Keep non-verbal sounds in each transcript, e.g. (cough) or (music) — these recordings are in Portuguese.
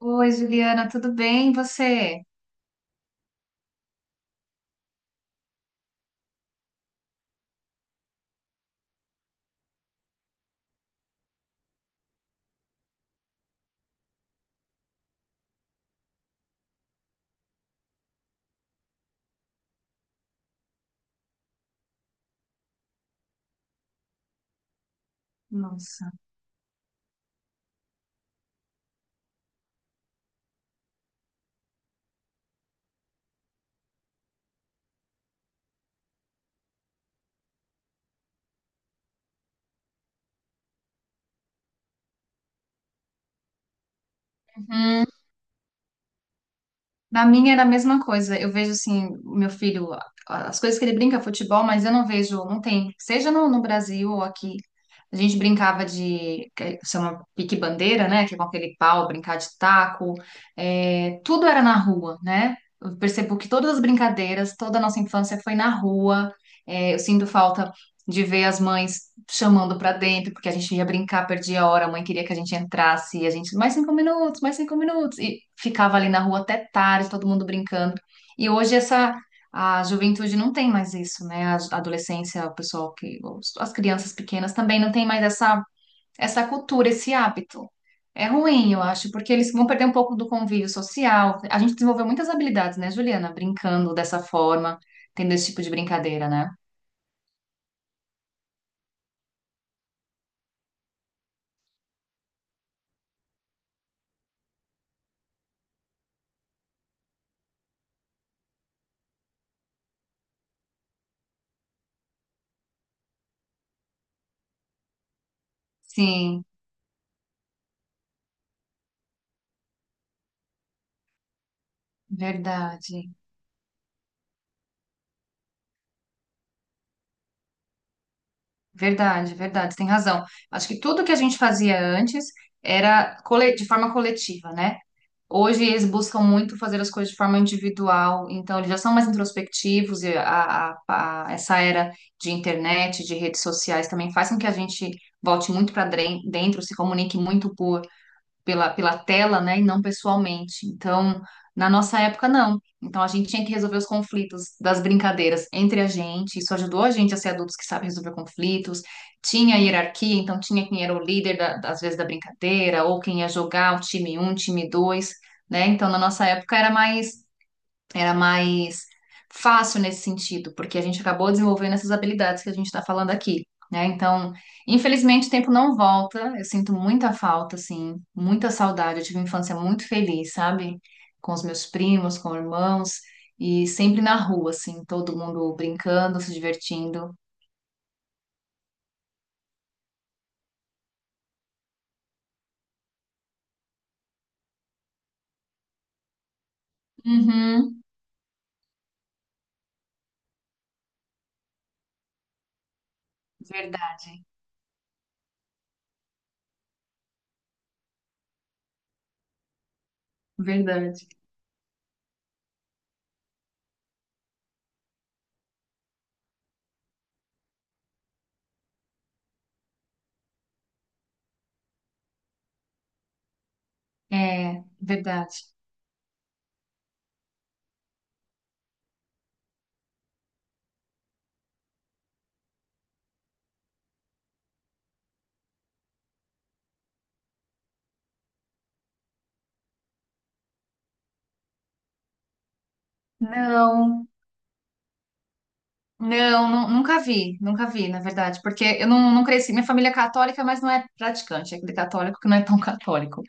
Oi, Juliana, tudo bem? E você? Nossa. Uhum. Na minha era a mesma coisa. Eu vejo assim, o meu filho, as coisas que ele brinca, futebol, mas eu não vejo, não tem. Seja no Brasil ou aqui, a gente brincava de, que chama pique-bandeira, né? Que é com aquele pau, brincar de taco. É, tudo era na rua, né? Eu percebo que todas as brincadeiras, toda a nossa infância foi na rua. É, eu sinto falta de ver as mães chamando pra dentro, porque a gente ia brincar, perdia a hora, a mãe queria que a gente entrasse, e a gente, mais 5 minutos, mais 5 minutos, e ficava ali na rua até tarde, todo mundo brincando. E hoje a juventude não tem mais isso, né? A adolescência, o pessoal que, as crianças pequenas também não tem mais essa cultura, esse hábito. É ruim, eu acho, porque eles vão perder um pouco do convívio social. A gente desenvolveu muitas habilidades, né, Juliana? Brincando dessa forma, tendo esse tipo de brincadeira, né? Sim. Verdade, verdade, verdade, você tem razão. Acho que tudo que a gente fazia antes era de forma coletiva, né? Hoje eles buscam muito fazer as coisas de forma individual, então eles já são mais introspectivos e essa era de internet, de redes sociais também faz com que a gente volte muito para dentro, se comunique muito pela tela, né, e não pessoalmente. Então, na nossa época, não. Então, a gente tinha que resolver os conflitos das brincadeiras entre a gente. Isso ajudou a gente a ser adultos que sabem resolver conflitos. Tinha hierarquia, então tinha quem era o líder, da, às vezes, da brincadeira, ou quem ia jogar o time um, time 2, né? Então, na nossa época, era mais fácil nesse sentido, porque a gente acabou desenvolvendo essas habilidades que a gente está falando aqui, né? Então, infelizmente, o tempo não volta. Eu sinto muita falta, assim, muita saudade. Eu tive uma infância muito feliz, sabe? Com os meus primos, com irmãos, e sempre na rua, assim, todo mundo brincando, se divertindo. Uhum, verdade, verdade. É, verdade. Não. Não, nunca vi, nunca vi, na verdade, porque eu não cresci. Minha família é católica, mas não é praticante, é aquele católico que não é tão (laughs) católico.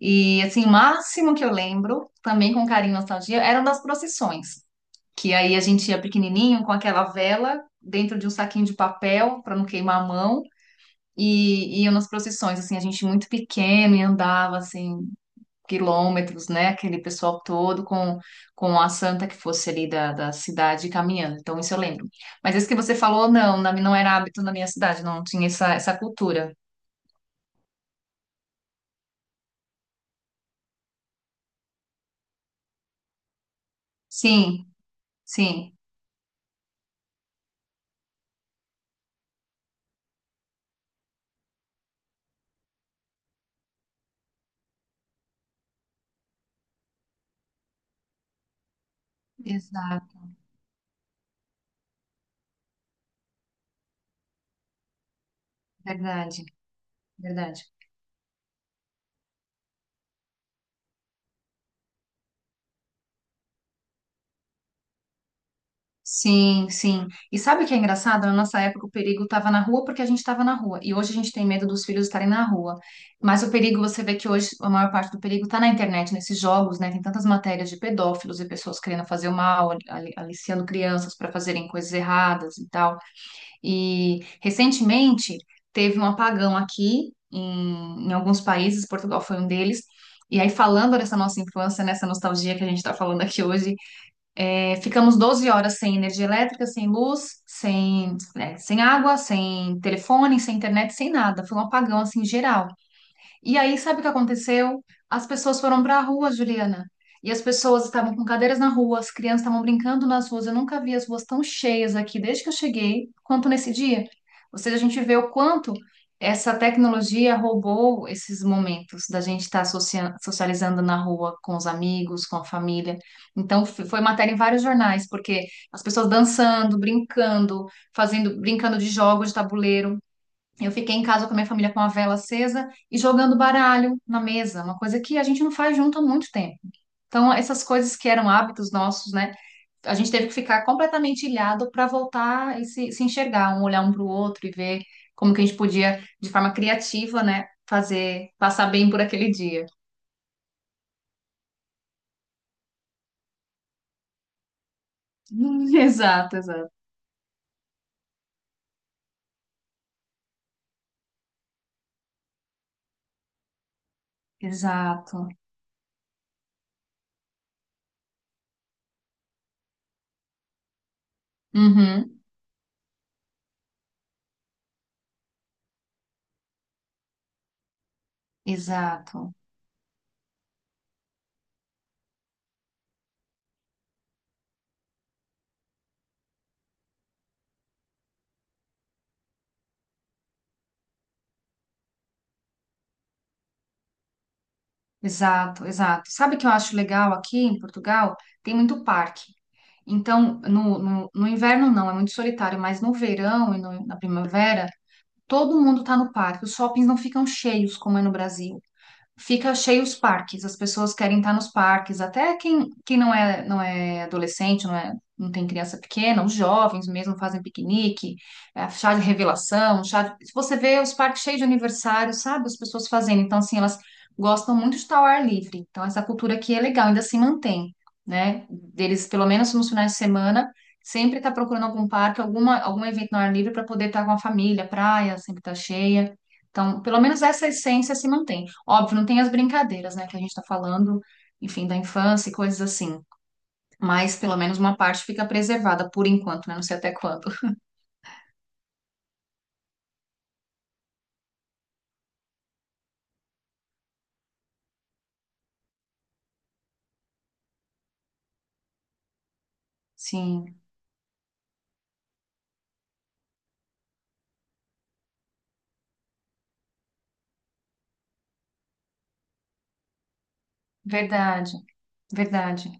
E, assim, o máximo que eu lembro, também com carinho e nostalgia, eram das procissões, que aí a gente ia pequenininho com aquela vela dentro de um saquinho de papel para não queimar a mão, e iam nas procissões, assim, a gente muito pequeno e andava, assim, quilômetros, né? Aquele pessoal todo com a santa que fosse ali da cidade caminhando. Então, isso eu lembro. Mas isso que você falou, não, não era hábito na minha cidade, não tinha essa cultura. Sim, sim. Exato, verdade, verdade. Sim, sim. E sabe o que é engraçado? Na nossa época, o perigo estava na rua porque a gente estava na rua. E hoje a gente tem medo dos filhos estarem na rua. Mas o perigo, você vê que hoje a maior parte do perigo está na internet, nesses jogos, né? Tem tantas matérias de pedófilos e pessoas querendo fazer o mal, aliciando crianças para fazerem coisas erradas e tal. E recentemente teve um apagão aqui em, em alguns países, Portugal foi um deles. E aí, falando dessa nossa infância, nessa nostalgia que a gente está falando aqui hoje. É, ficamos 12 horas sem energia elétrica, sem luz, sem, né, sem água, sem telefone, sem internet, sem nada. Foi um apagão assim geral. E aí, sabe o que aconteceu? As pessoas foram para a rua, Juliana. E as pessoas estavam com cadeiras na rua, as crianças estavam brincando nas ruas. Eu nunca vi as ruas tão cheias aqui desde que eu cheguei, quanto nesse dia. Ou seja, a gente vê o quanto essa tecnologia roubou esses momentos da gente estar socializando na rua com os amigos, com a família. Então, foi matéria em vários jornais, porque as pessoas dançando, brincando, fazendo, brincando de jogos de tabuleiro. Eu fiquei em casa com a minha família com a vela acesa e jogando baralho na mesa, uma coisa que a gente não faz junto há muito tempo. Então, essas coisas que eram hábitos nossos, né? A gente teve que ficar completamente ilhado para voltar e se enxergar, um olhar um para o outro e ver como que a gente podia, de forma criativa, né, fazer, passar bem por aquele dia. (laughs) Exato, exato. Exato. Uhum, exato. Exato, exato. Sabe o que eu acho legal aqui em Portugal? Tem muito parque. Então, no inverno não, é muito solitário, mas no verão e na primavera, todo mundo está no parque. Os shoppings não ficam cheios como é no Brasil. Fica cheio os parques, as pessoas querem estar nos parques, até quem não é, não é adolescente, não é, não tem criança pequena, os jovens mesmo fazem piquenique, é, chá de revelação, chá de... Se você vê os parques cheios de aniversário, sabe? As pessoas fazendo, então assim, elas gostam muito de estar ao ar livre, então essa cultura aqui é legal, ainda se mantém, né? Deles, pelo menos nos finais de semana, sempre tá procurando algum parque, alguma, algum evento no ar livre para poder estar com a família, praia sempre tá cheia, então pelo menos essa essência se mantém. Óbvio, não tem as brincadeiras, né, que a gente está falando, enfim, da infância e coisas assim. Mas pelo menos uma parte fica preservada por enquanto, né? Não sei até quando. Sim, verdade, verdade.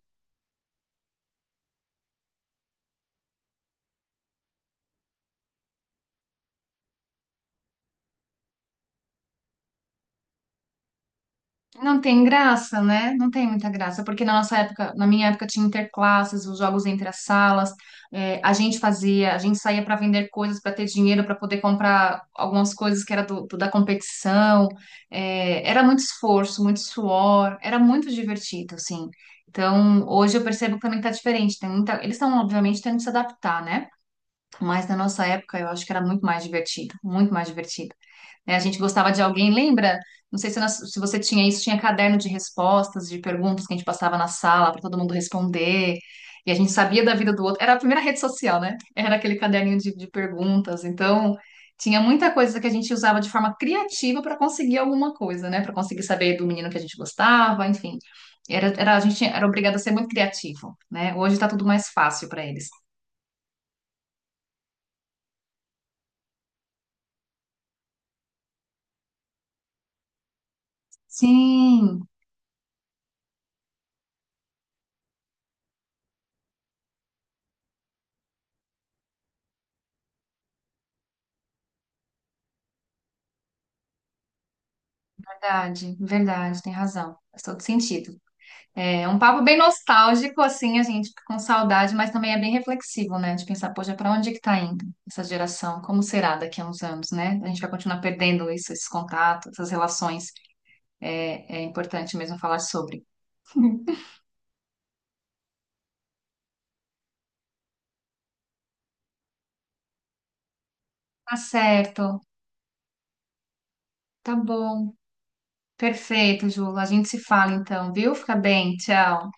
Não tem graça, né? Não tem muita graça, porque na nossa época, na minha época, tinha interclasses, os jogos entre as salas, é, a gente fazia, a gente saía para vender coisas para ter dinheiro para poder comprar algumas coisas que era da competição. É, era muito esforço, muito suor, era muito divertido, assim. Então, hoje eu percebo que também tá diferente. Tem muita, eles estão, obviamente, tendo que se adaptar, né? Mas na nossa época eu acho que era muito mais divertido, muito mais divertido. Né? A gente gostava de alguém, lembra? Não sei se, se você tinha isso, tinha caderno de respostas, de perguntas que a gente passava na sala para todo mundo responder. E a gente sabia da vida do outro. Era a primeira rede social, né? Era aquele caderninho de perguntas. Então, tinha muita coisa que a gente usava de forma criativa para conseguir alguma coisa, né? Para conseguir saber do menino que a gente gostava, enfim. A gente era obrigado a ser muito criativo, né? Hoje está tudo mais fácil para eles. Sim. Verdade, verdade, tem razão. Faz todo sentido. É um papo bem nostálgico, assim, a gente fica com saudade, mas também é bem reflexivo, né? De pensar, poxa, para onde é que tá indo essa geração? Como será daqui a uns anos, né? A gente vai continuar perdendo isso, esses contatos, essas relações. É, é importante mesmo falar sobre. Tá certo, tá bom, perfeito, Ju. A gente se fala então, viu? Fica bem, tchau.